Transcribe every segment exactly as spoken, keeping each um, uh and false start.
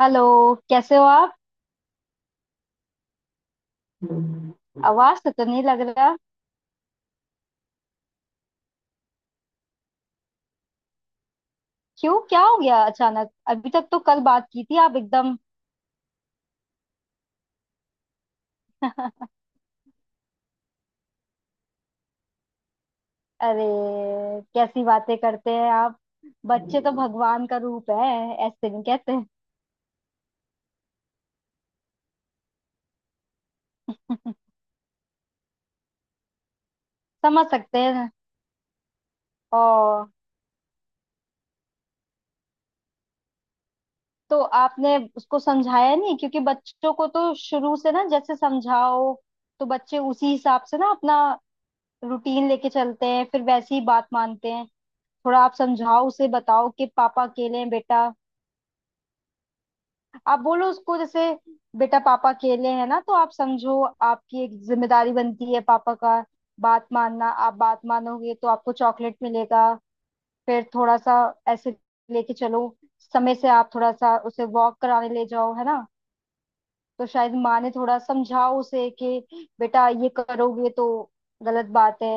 Hello. कैसे हो आप? आवाज से तो नहीं लग रहा। क्यों? क्या हो गया अचानक? अभी तक तो कल बात की थी, आप एकदम। अरे, कैसी बातें करते हैं आप। बच्चे तो भगवान का रूप है, ऐसे नहीं कहते। समझ सकते हैं। और। तो आपने उसको समझाया नहीं? क्योंकि बच्चों को तो शुरू से ना, जैसे समझाओ तो बच्चे उसी हिसाब से ना अपना रूटीन लेके चलते हैं, फिर वैसी ही बात मानते हैं। थोड़ा आप समझाओ उसे, बताओ कि पापा अकेले हैं बेटा। आप बोलो उसको, जैसे बेटा पापा अकेले हैं ना, तो आप समझो आपकी एक जिम्मेदारी बनती है, पापा का बात मानना। आप बात मानोगे तो आपको चॉकलेट मिलेगा। फिर थोड़ा सा ऐसे लेके चलो। समय से आप थोड़ा सा उसे वॉक कराने ले जाओ, है ना। तो शायद माँ ने थोड़ा समझाओ उसे कि बेटा ये करोगे तो गलत बात है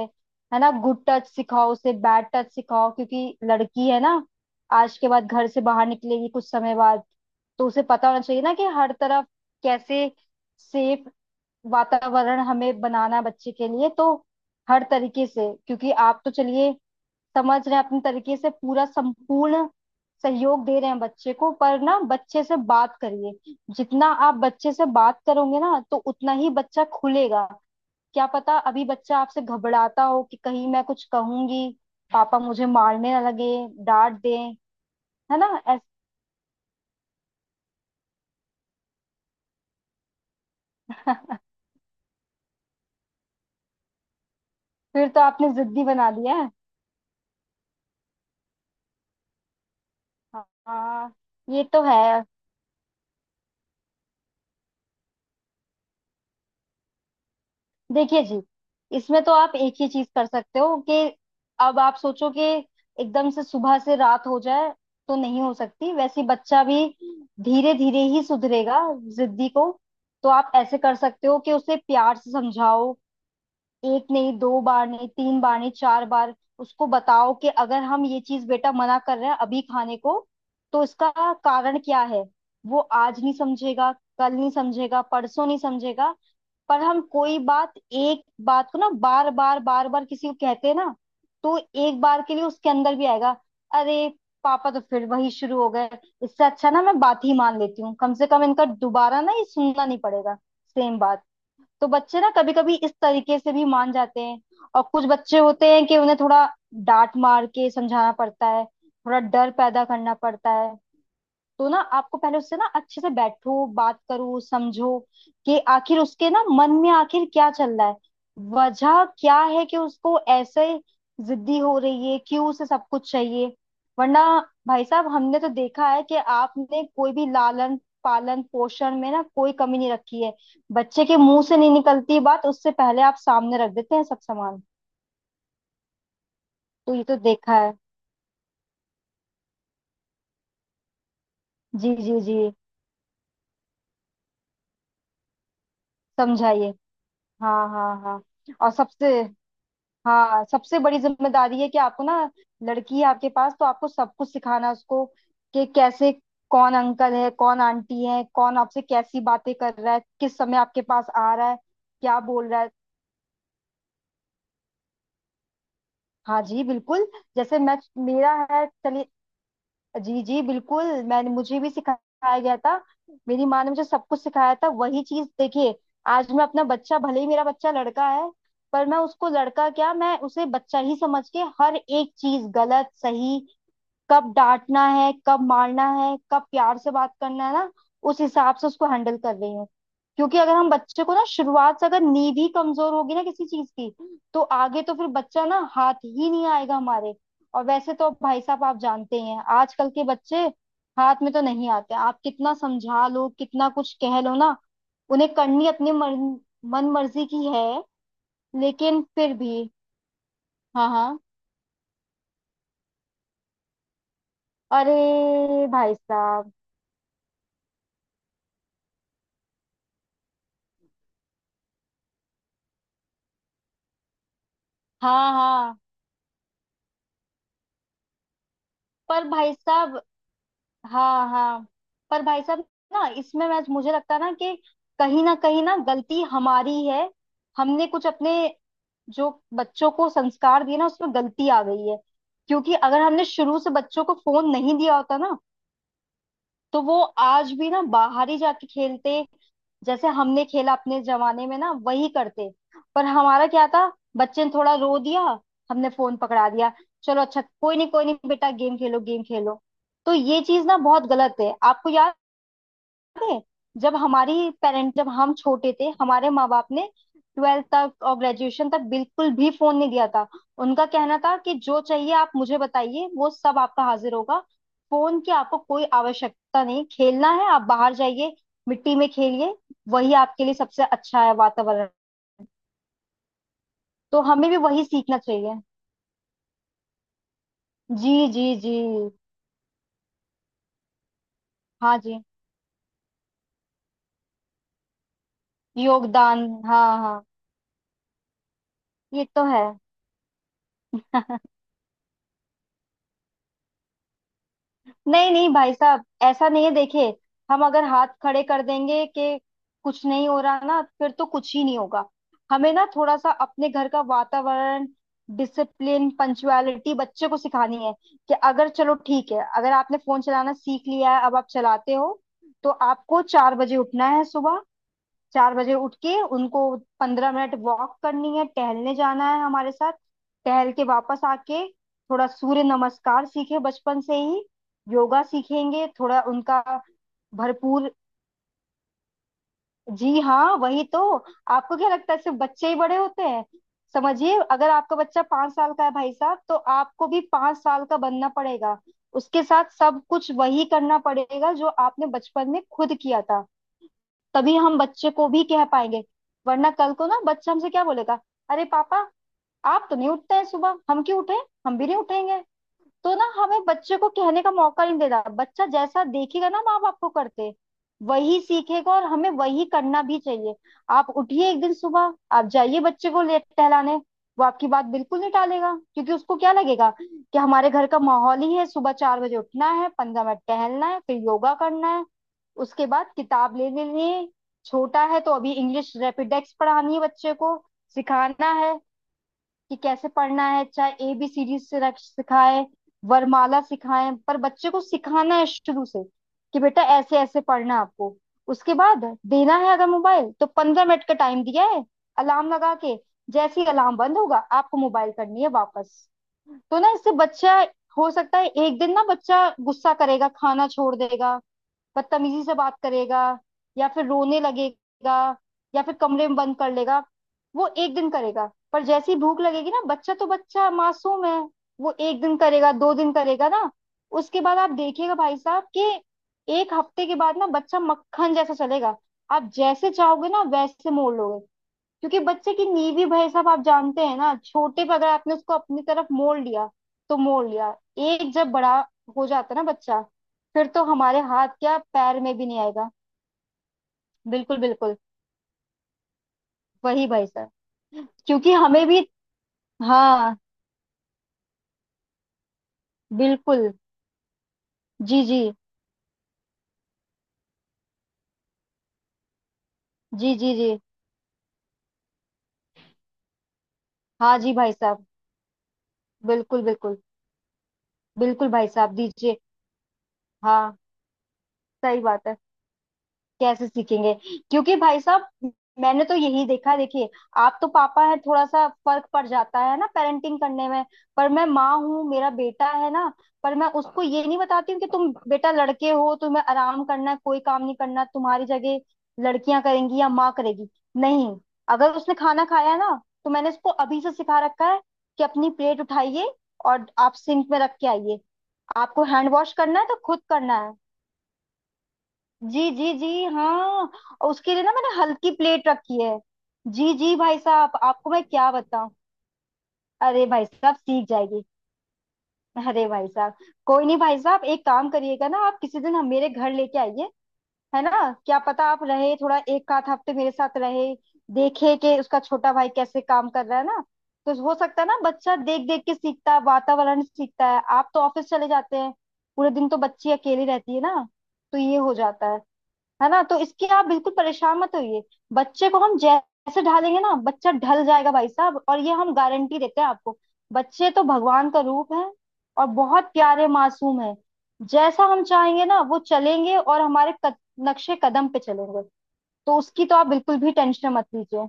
है ना। गुड टच सिखाओ उसे, बैड टच सिखाओ, क्योंकि लड़की है ना। आज के बाद घर से बाहर निकलेगी कुछ समय बाद, तो उसे पता होना चाहिए ना कि हर तरफ कैसे सेफ वातावरण हमें बनाना है बच्चे के लिए, तो हर तरीके से। क्योंकि आप तो चलिए, समझ रहे हैं अपने तरीके से पूरा संपूर्ण सहयोग दे रहे हैं बच्चे को। पर ना बच्चे से बात करिए, जितना आप बच्चे से बात करोगे ना, तो उतना ही बच्चा खुलेगा। क्या पता अभी बच्चा आपसे घबराता हो कि कहीं मैं कुछ कहूंगी, पापा मुझे मारने ना लगे, डांट दें। है ना, ऐस- फिर तो आपने जिद्दी बना दिया है। हाँ, ये तो है। देखिए जी, इसमें तो आप एक ही चीज कर सकते हो कि अब आप सोचो कि एकदम से सुबह से रात हो जाए तो नहीं हो सकती, वैसे बच्चा भी धीरे धीरे ही सुधरेगा जिद्दी को। तो आप ऐसे कर सकते हो कि उसे प्यार से समझाओ। एक नहीं, दो बार नहीं, तीन बार नहीं, चार बार उसको बताओ कि अगर हम ये चीज बेटा मना कर रहे हैं अभी खाने को, तो इसका कारण क्या है। वो आज नहीं समझेगा, कल नहीं समझेगा, परसों नहीं समझेगा, पर हम कोई बात, एक बात को ना बार बार बार बार किसी को कहते हैं ना, तो एक बार के लिए उसके अंदर भी आएगा। अरे पापा तो फिर वही शुरू हो गए। इससे अच्छा ना मैं बात ही मान लेती हूँ, कम से कम इनका दोबारा ना ये सुनना नहीं पड़ेगा। सेम बात। तो बच्चे ना कभी कभी इस तरीके से भी मान जाते हैं। और कुछ बच्चे होते हैं कि उन्हें थोड़ा डांट मार के समझाना पड़ता है, थोड़ा डर पैदा करना पड़ता है। तो ना आपको पहले उससे ना अच्छे से बैठो, बात करो, समझो कि आखिर उसके ना मन में आखिर क्या चल रहा है। वजह क्या है कि उसको ऐसे जिद्दी हो रही है, क्यों उसे सब कुछ चाहिए। वरना भाई साहब, हमने तो देखा है कि आपने कोई भी लालन पालन पोषण में ना कोई कमी नहीं रखी है। बच्चे के मुंह से नहीं निकलती बात, उससे पहले आप सामने रख देते हैं सब सामान। तो ये तो देखा है। जी जी जी। समझाइए। हाँ हाँ हाँ। और सबसे हाँ, सबसे बड़ी जिम्मेदारी है कि आपको ना, लड़की है आपके पास तो आपको सब कुछ सिखाना है उसको कि कैसे, कौन अंकल है, कौन आंटी है, कौन आपसे कैसी बातें कर रहा है, किस समय आपके पास आ रहा है, क्या बोल रहा है। हाँ जी, बिल्कुल। जैसे मैं, मेरा है चलिए, जी जी बिल्कुल। मैंने मुझे भी सिखाया गया था। मेरी माँ ने मुझे सब कुछ सिखाया था, वही चीज देखिए। आज मैं अपना बच्चा, भले ही मेरा बच्चा लड़का है, पर मैं उसको लड़का क्या, मैं उसे बच्चा ही समझ के हर एक चीज गलत सही, कब डांटना है, कब मारना है, कब प्यार से बात करना है ना, उस हिसाब से उसको हैंडल कर रही हूँ। क्योंकि अगर हम बच्चे को ना शुरुआत से, अगर नींव ही कमजोर होगी ना किसी चीज की, तो आगे तो फिर बच्चा ना हाथ ही नहीं आएगा हमारे। और वैसे तो भाई साहब, आप जानते ही हैं आजकल के बच्चे हाथ में तो नहीं आते। आप कितना समझा लो, कितना कुछ कह लो ना, उन्हें करनी अपनी मन मन मर्जी की है। लेकिन फिर भी। हाँ हाँ। अरे भाई साहब। हाँ हाँ, पर भाई साहब। हाँ हाँ, पर भाई साहब, ना इसमें, मैं मुझे लगता है ना कि कहीं ना कहीं ना गलती हमारी है। हमने कुछ अपने, जो बच्चों को संस्कार दिए ना, उसमें गलती आ गई है। क्योंकि अगर हमने शुरू से बच्चों को फोन नहीं दिया होता ना, तो वो आज भी ना बाहर ही जाके खेलते, जैसे हमने खेला अपने जमाने में ना, वही करते। पर हमारा क्या था, बच्चे ने थोड़ा रो दिया, हमने फोन पकड़ा दिया, चलो अच्छा, कोई नहीं कोई नहीं बेटा, गेम खेलो गेम खेलो। तो ये चीज ना बहुत गलत है। आपको याद है? जब हमारी पेरेंट जब हम छोटे थे, हमारे माँ बाप ने ट्वेल्थ तक और ग्रेजुएशन तक बिल्कुल भी फोन नहीं दिया था। उनका कहना था कि जो चाहिए आप मुझे बताइए, वो सब आपका हाजिर होगा, फोन की आपको कोई आवश्यकता नहीं। खेलना है आप बाहर जाइए, मिट्टी में खेलिए, वही आपके लिए सबसे अच्छा है वातावरण। तो हमें भी वही सीखना चाहिए। जी जी जी। हाँ जी, योगदान। हाँ हाँ, ये तो है। नहीं नहीं भाई साहब, ऐसा नहीं है, देखिए। हम अगर हाथ खड़े कर देंगे कि कुछ नहीं हो रहा ना, फिर तो कुछ ही नहीं होगा। हमें ना थोड़ा सा अपने घर का वातावरण, डिसिप्लिन, पंचुअलिटी बच्चे को सिखानी है कि अगर, चलो ठीक है, अगर आपने फोन चलाना सीख लिया है, अब आप चलाते हो, तो आपको चार बजे उठना है सुबह। चार बजे उठ के उनको पंद्रह मिनट वॉक करनी है, टहलने जाना है हमारे साथ। टहल के वापस आके थोड़ा सूर्य नमस्कार सीखे बचपन से ही, योगा सीखेंगे थोड़ा उनका भरपूर। जी हाँ वही तो। आपको क्या लगता है सिर्फ बच्चे ही बड़े होते हैं? समझिए, अगर आपका बच्चा पांच साल का है भाई साहब, तो आपको भी पांच साल का बनना पड़ेगा। उसके साथ सब कुछ वही करना पड़ेगा जो आपने बचपन में खुद किया था। तभी हम बच्चे को भी कह पाएंगे। वरना कल को ना बच्चा हमसे क्या बोलेगा, अरे पापा, आप तो नहीं उठते हैं सुबह, हम क्यों उठे, हम भी नहीं उठेंगे। तो ना हमें बच्चे को कहने का मौका नहीं देना। बच्चा जैसा देखेगा ना माँ बाप को करते, वही सीखेगा, और हमें वही करना भी चाहिए। आप उठिए एक दिन सुबह, आप जाइए बच्चे को ले टहलाने। वो आपकी बात बिल्कुल नहीं टालेगा, क्योंकि उसको क्या लगेगा कि हमारे घर का माहौल ही है, सुबह चार बजे उठना है, पंद्रह मिनट टहलना है, फिर योगा करना है, उसके बाद किताब ले लेनी है। छोटा है तो अभी इंग्लिश रैपिडेक्स पढ़ानी है बच्चे को, सिखाना है कि कैसे पढ़ना है, चाहे ए बी सीरीज से रख- सिखाएं, वरमाला सिखाएं, पर बच्चे को सिखाना है शुरू से कि बेटा ऐसे ऐसे पढ़ना है आपको। उसके बाद देना है अगर मोबाइल, तो पंद्रह मिनट का टाइम दिया है, अलार्म लगा के। जैसे ही अलार्म बंद होगा आपको मोबाइल करनी है वापस। तो ना इससे बच्चा, हो सकता है एक दिन ना बच्चा गुस्सा करेगा, खाना छोड़ देगा, बदतमीजी से बात करेगा, या फिर रोने लगेगा, या फिर कमरे में बंद कर लेगा। वो एक दिन करेगा, पर जैसे ही भूख लगेगी ना, बच्चा तो बच्चा, मासूम है। वो एक दिन करेगा, दो दिन करेगा ना। उसके बाद आप देखिएगा भाई साहब कि एक हफ्ते के बाद ना बच्चा मक्खन जैसा चलेगा। आप जैसे चाहोगे ना वैसे मोड़ लोगे। क्योंकि बच्चे की नींव ही, भाई साहब आप जानते हैं ना, छोटे पे अगर आपने उसको अपनी तरफ मोड़ लिया, तो मोड़ लिया। एक जब बड़ा हो जाता ना बच्चा, फिर तो हमारे हाथ क्या पैर में भी नहीं आएगा। बिल्कुल बिल्कुल, वही भाई साहब। क्योंकि हमें भी, हाँ, बिल्कुल। जी जी जी। जी जी। हाँ जी भाई साहब। बिल्कुल बिल्कुल, बिल्कुल भाई साहब दीजिए। हाँ, सही बात है, कैसे सीखेंगे? क्योंकि भाई साहब, मैंने तो यही देखा है, देखिए, आप तो पापा हैं, थोड़ा सा फर्क पड़ जाता है ना पेरेंटिंग करने में। पर मैं माँ हूँ, मेरा बेटा है ना। पर मैं उसको ये नहीं बताती हूँ कि तुम बेटा लड़के हो, तुम्हें आराम करना है, कोई काम नहीं करना, तुम्हारी जगह लड़कियां करेंगी या माँ करेगी। नहीं, अगर उसने खाना खाया है ना, तो मैंने उसको अभी से सिखा रखा है कि अपनी प्लेट उठाइए और आप सिंक में रख के आइए। आपको हैंड वॉश करना है तो खुद करना है। जी जी जी। हाँ। और उसके लिए ना मैंने हल्की प्लेट रखी है। जी जी भाई साहब, आपको मैं क्या बताऊं। अरे भाई साहब, सीख जाएगी। अरे भाई साहब, कोई नहीं भाई साहब, एक काम करिएगा ना, आप किसी दिन हम मेरे घर लेके आइए, है ना। क्या पता आप रहे थोड़ा एक आध हफ्ते मेरे साथ, रहे देखे कि उसका छोटा भाई कैसे काम कर रहा है ना। तो हो सकता है ना, बच्चा देख देख के सीखता है, वातावरण से सीखता है। आप तो ऑफिस चले जाते हैं, पूरे दिन तो बच्ची अकेली रहती है ना, तो ये हो जाता है है ना। तो इसकी आप बिल्कुल परेशान मत होइए। बच्चे को हम जैसे ढालेंगे ना बच्चा ढल जाएगा भाई साहब, और ये हम गारंटी देते हैं आपको। बच्चे तो भगवान का रूप है, और बहुत प्यारे मासूम है। जैसा हम चाहेंगे ना वो चलेंगे और हमारे कद, नक्शे कदम पे चलेंगे। तो उसकी तो आप बिल्कुल भी टेंशन मत लीजिए।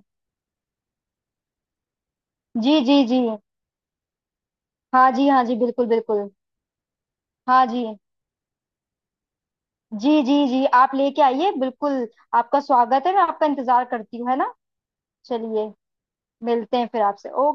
जी जी जी। हाँ जी, हाँ जी बिल्कुल बिल्कुल। हाँ जी। जी जी जी। आप लेके आइए, बिल्कुल। आपका स्वागत है, मैं आपका इंतजार करती हूँ, है ना। चलिए। मिलते हैं फिर आपसे। ओके।